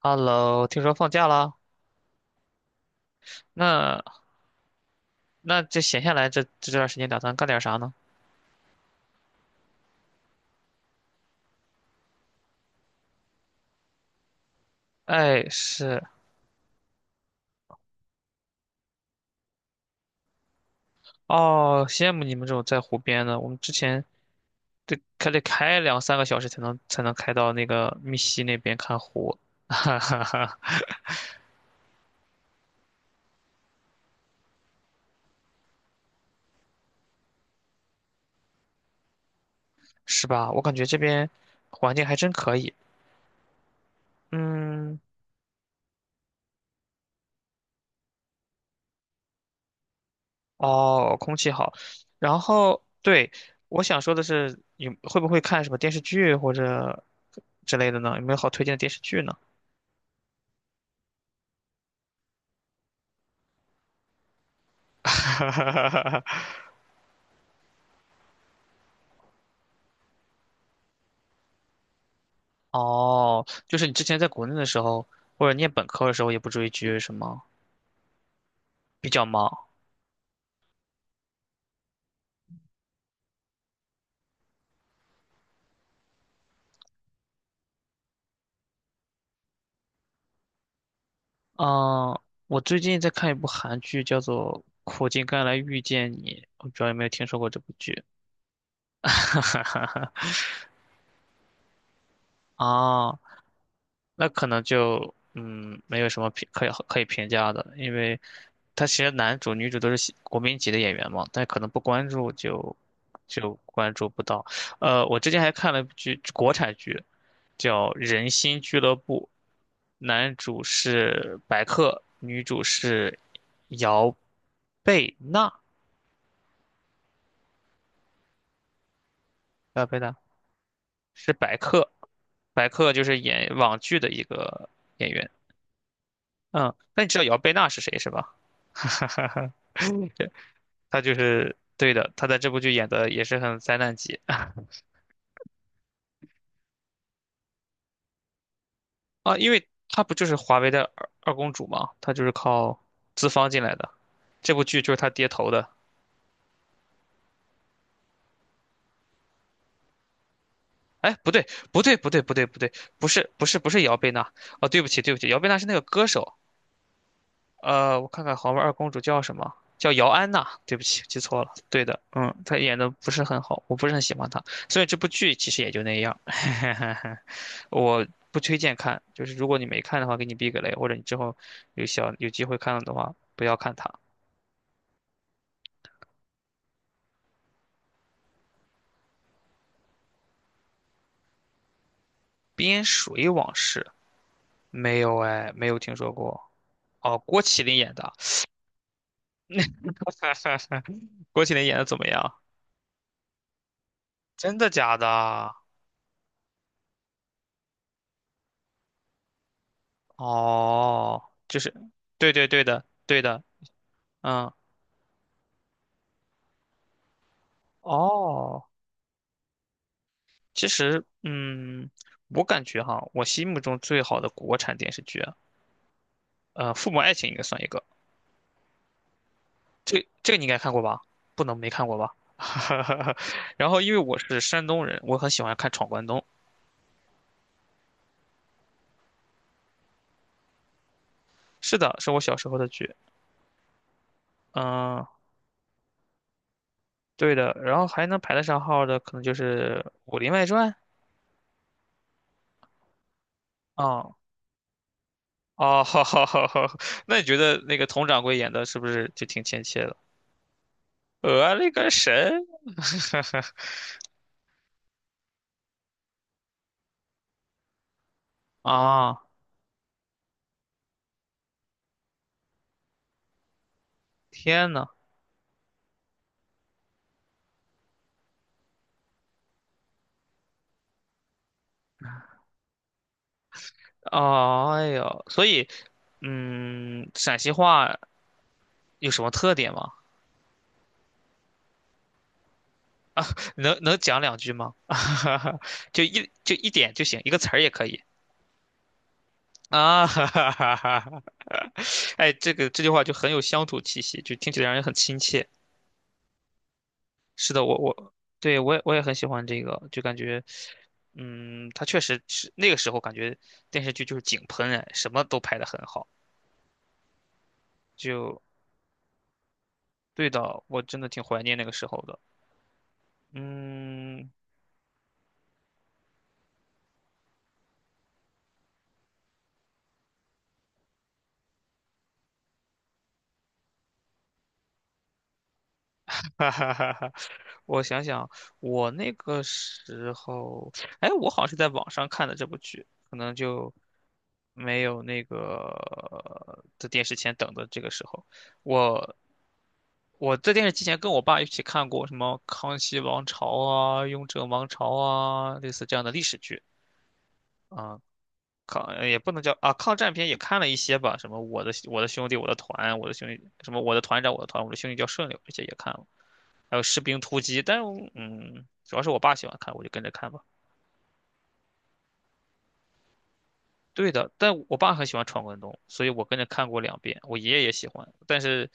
Hello，听说放假啦？那那这闲下来这段时间打算干点啥呢？哎，是哦，羡慕你们这种在湖边的。我们之前得还得开两三个小时才能开到那个密西那边看湖，哈哈哈，是吧？我感觉这边环境还真可以。嗯，哦，空气好。然后对，我想说的是，你会不会看什么电视剧或者之类的呢？有没有好推荐的电视剧呢？哦，就是你之前在国内的时候，或者念本科的时候也不追剧是吗？比较忙。嗯，我最近在看一部韩剧，叫做《苦尽甘来遇见你》，我不知道有没有听说过这部剧。啊，那可能就嗯，没有什么评可以评价的，因为他其实男主女主都是喜国民级的演员嘛，但可能不关注就关注不到。我之前还看了一部剧，国产剧叫《人心俱乐部》，男主是白客，女主是姚贝娜，姚贝娜是白客，白客就是演网剧的一个演员。嗯，那你知道姚贝娜是谁是吧？她就是对的，她在这部剧演的也是很灾难级啊，因为她不就是华为的二公主嘛，她就是靠资方进来的，这部剧就是她爹投的。哎，不对，不对，不对，不对，不对，不是，不是，不是姚贝娜哦，对不起，对不起，姚贝娜是那个歌手，我看看豪门二公主叫什么？叫姚安娜。对不起，记错了。对的，嗯，她演的不是很好，我不是很喜欢她。所以这部剧其实也就那样，我不推荐看。就是如果你没看的话，给你避个雷，或者你之后有小有机会看了的话，不要看她。《边水往事》没有哎，没有听说过。哦，郭麒麟演的，郭麒麟演的怎么样？真的假的？哦，就是，对对对的，对的，嗯。哦，其实，嗯，我感觉哈，我心目中最好的国产电视剧啊呃，《父母爱情》应该算一个，这这个你应该看过吧？不能没看过吧？然后，因为我是山东人，我很喜欢看《闯关东》。是的，是我小时候的剧。嗯，对的。然后还能排得上号的，可能就是《武林外传》啊、哦，好好好好。那你觉得那个佟掌柜演的是不是就挺亲切的？我勒个神！啊，天呐！哦，哎呦，所以，嗯，陕西话有什么特点吗？能能讲两句吗？就一就一点就行，一个词儿也可以啊。哈哈哈哈！哎，这个这句话就很有乡土气息，就听起来让人很亲切。是的，我对我也很喜欢这个，就感觉，嗯，他确实是那个时候感觉电视剧就是井喷哎，什么都拍得很好。就对的，我真的挺怀念那个时候的。嗯，哈哈哈哈，我想想，我那个时候，哎，我好像是在网上看的这部剧，可能就没有那个在电视前等的这个时候。我在电视机前跟我爸一起看过什么《康熙王朝》啊、《雍正王朝》啊，类似这样的历史剧啊。也不能叫啊，抗战片也看了一些吧，什么我的兄弟我的团，我的兄弟什么我的团长我的团，我的兄弟叫顺溜，这些也看了。还有《士兵突击》，但嗯，主要是我爸喜欢看，我就跟着看吧。对的，但我爸很喜欢闯关东，所以我跟着看过两遍。我爷爷也喜欢，但是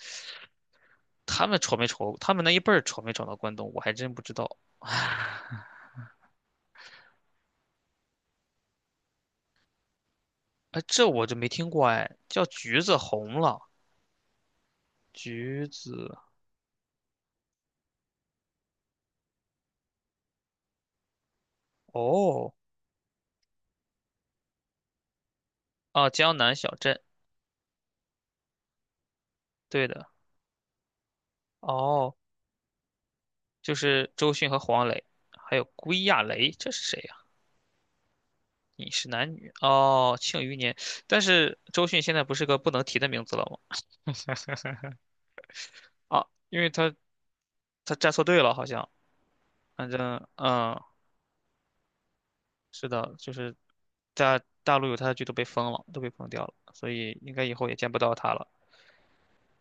他们闯没闯，他们那一辈儿闯没闯到关东，我还真不知道。哎，这我就没听过哎，叫橘子红了，橘子哦啊，江南小镇，对的哦，就是周迅和黄磊，还有归亚蕾，这是谁你是男女哦，庆余年。但是周迅现在不是个不能提的名字了吗？啊，因为他他站错队了，好像，反正嗯，是的，就是在大陆有他的剧都被封了，都被封掉了，所以应该以后也见不到他了。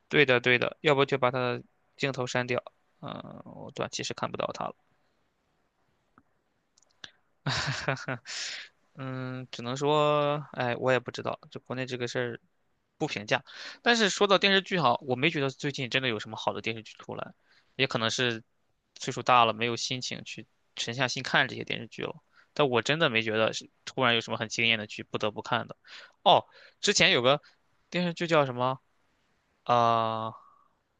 对的，对的，要不就把他的镜头删掉，嗯，我短期是看不到他了。嗯，只能说，哎，我也不知道，就国内这个事儿不评价。但是说到电视剧哈，我没觉得最近真的有什么好的电视剧出来，也可能是岁数大了，没有心情去沉下心看这些电视剧了。但我真的没觉得是突然有什么很惊艳的剧不得不看的。哦，之前有个电视剧叫什么？啊？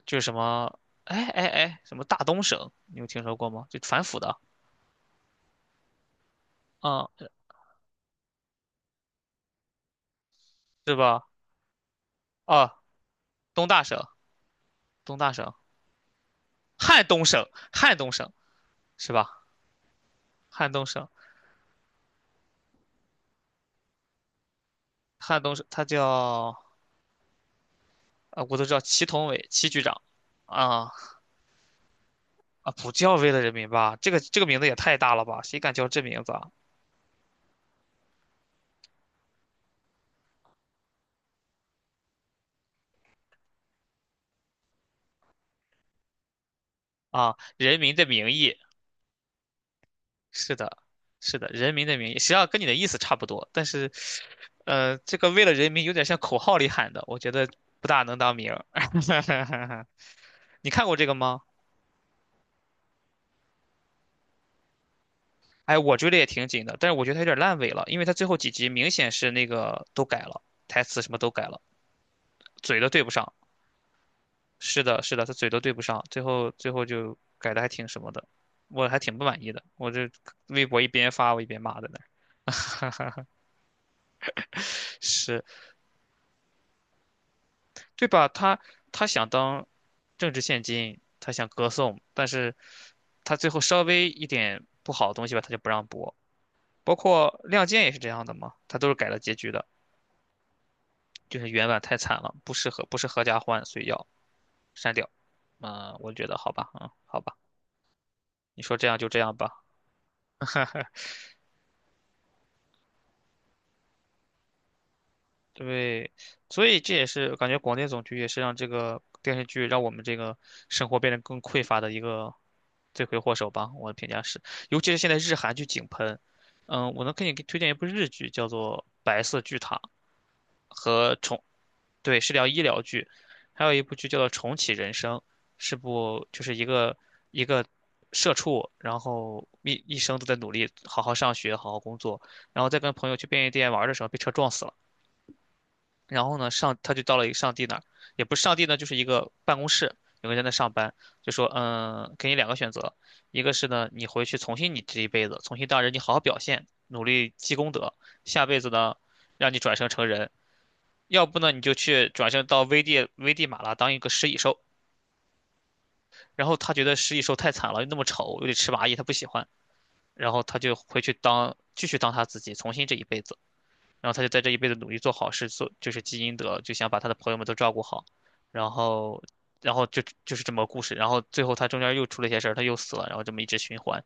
就是什么，哎哎哎，什么大东省，你有听说过吗？就反腐的，啊，是吧？啊，东大省。东大省、汉东省、汉东省是吧？汉东省、汉东省，他叫啊，我都知道祁同伟、祁局长啊啊，不叫为了人民吧？这个这个名字也太大了吧？谁敢叫这名字啊？啊，人民的名义，是的，是的，人民的名义，实际上跟你的意思差不多，但是，这个为了人民有点像口号里喊的，我觉得不大能当名儿。你看过这个吗？哎，我追的也挺紧的，但是我觉得他有点烂尾了，因为他最后几集明显是那个都改了，台词什么都改了，嘴都对不上。是的，是的，他嘴都对不上，最后就改的还挺什么的，我还挺不满意的。我这微博一边发我一边骂在那儿，是对吧？他他想当政治现金，他想歌颂，但是他最后稍微一点不好的东西吧，他就不让播。包括《亮剑》也是这样的嘛，他都是改了结局的。就是原版太惨了，不适合不是合家欢，所以要删掉。嗯，我觉得好吧，嗯，好吧，你说这样就这样吧。对，所以这也是感觉广电总局也是让这个电视剧让我们这个生活变得更匮乏的一个罪魁祸首吧。我的评价是，尤其是现在日韩剧井喷，嗯，我能给你推荐一部日剧，叫做《白色巨塔》，和重，对，是聊医疗剧，还有一部剧叫做《重启人生》，是部就是一个一个社畜，然后一生都在努力，好好上学，好好工作，然后再跟朋友去便利店玩的时候被车撞死了，然后呢上他就到了一个上帝那儿，也不是上帝呢，就是一个办公室，有个人在那上班，就说嗯，给你两个选择，一个是呢你回去重新你这一辈子，重新当人，你好好表现，努力积功德，下辈子呢。让你转生成人，要不呢你就去转身到危地马拉当一个食蚁兽，然后他觉得食蚁兽太惨了，又那么丑，又得吃蚂蚁，他不喜欢，然后他就回去当继续当他自己，重新这一辈子，然后他就在这一辈子努力做好事，做就是积阴德，就想把他的朋友们都照顾好，然后就是这么个故事，然后最后他中间又出了一些事儿，他又死了，然后这么一直循环，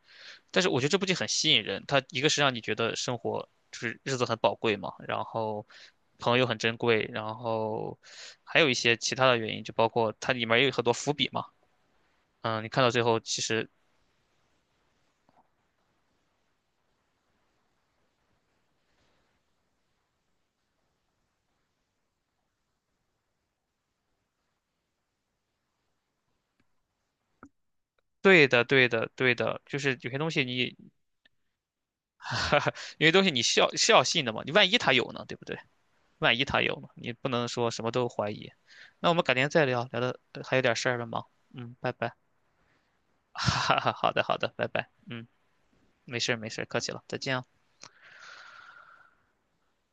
但是我觉得这部剧很吸引人，它一个是让你觉得生活就是日子很宝贵嘛，然后朋友很珍贵，然后还有一些其他的原因，就包括它里面也有很多伏笔嘛。嗯，你看到最后，其实对的，对的，对的，就是有些东西你，有些东西你是要信的嘛，你万一他有呢，对不对？万一他有呢，你不能说什么都怀疑。那我们改天再聊，聊的还有点事儿了吗？嗯，拜拜。哈哈哈，好的，好的，拜拜。嗯，没事儿没事儿客气了，再见啊。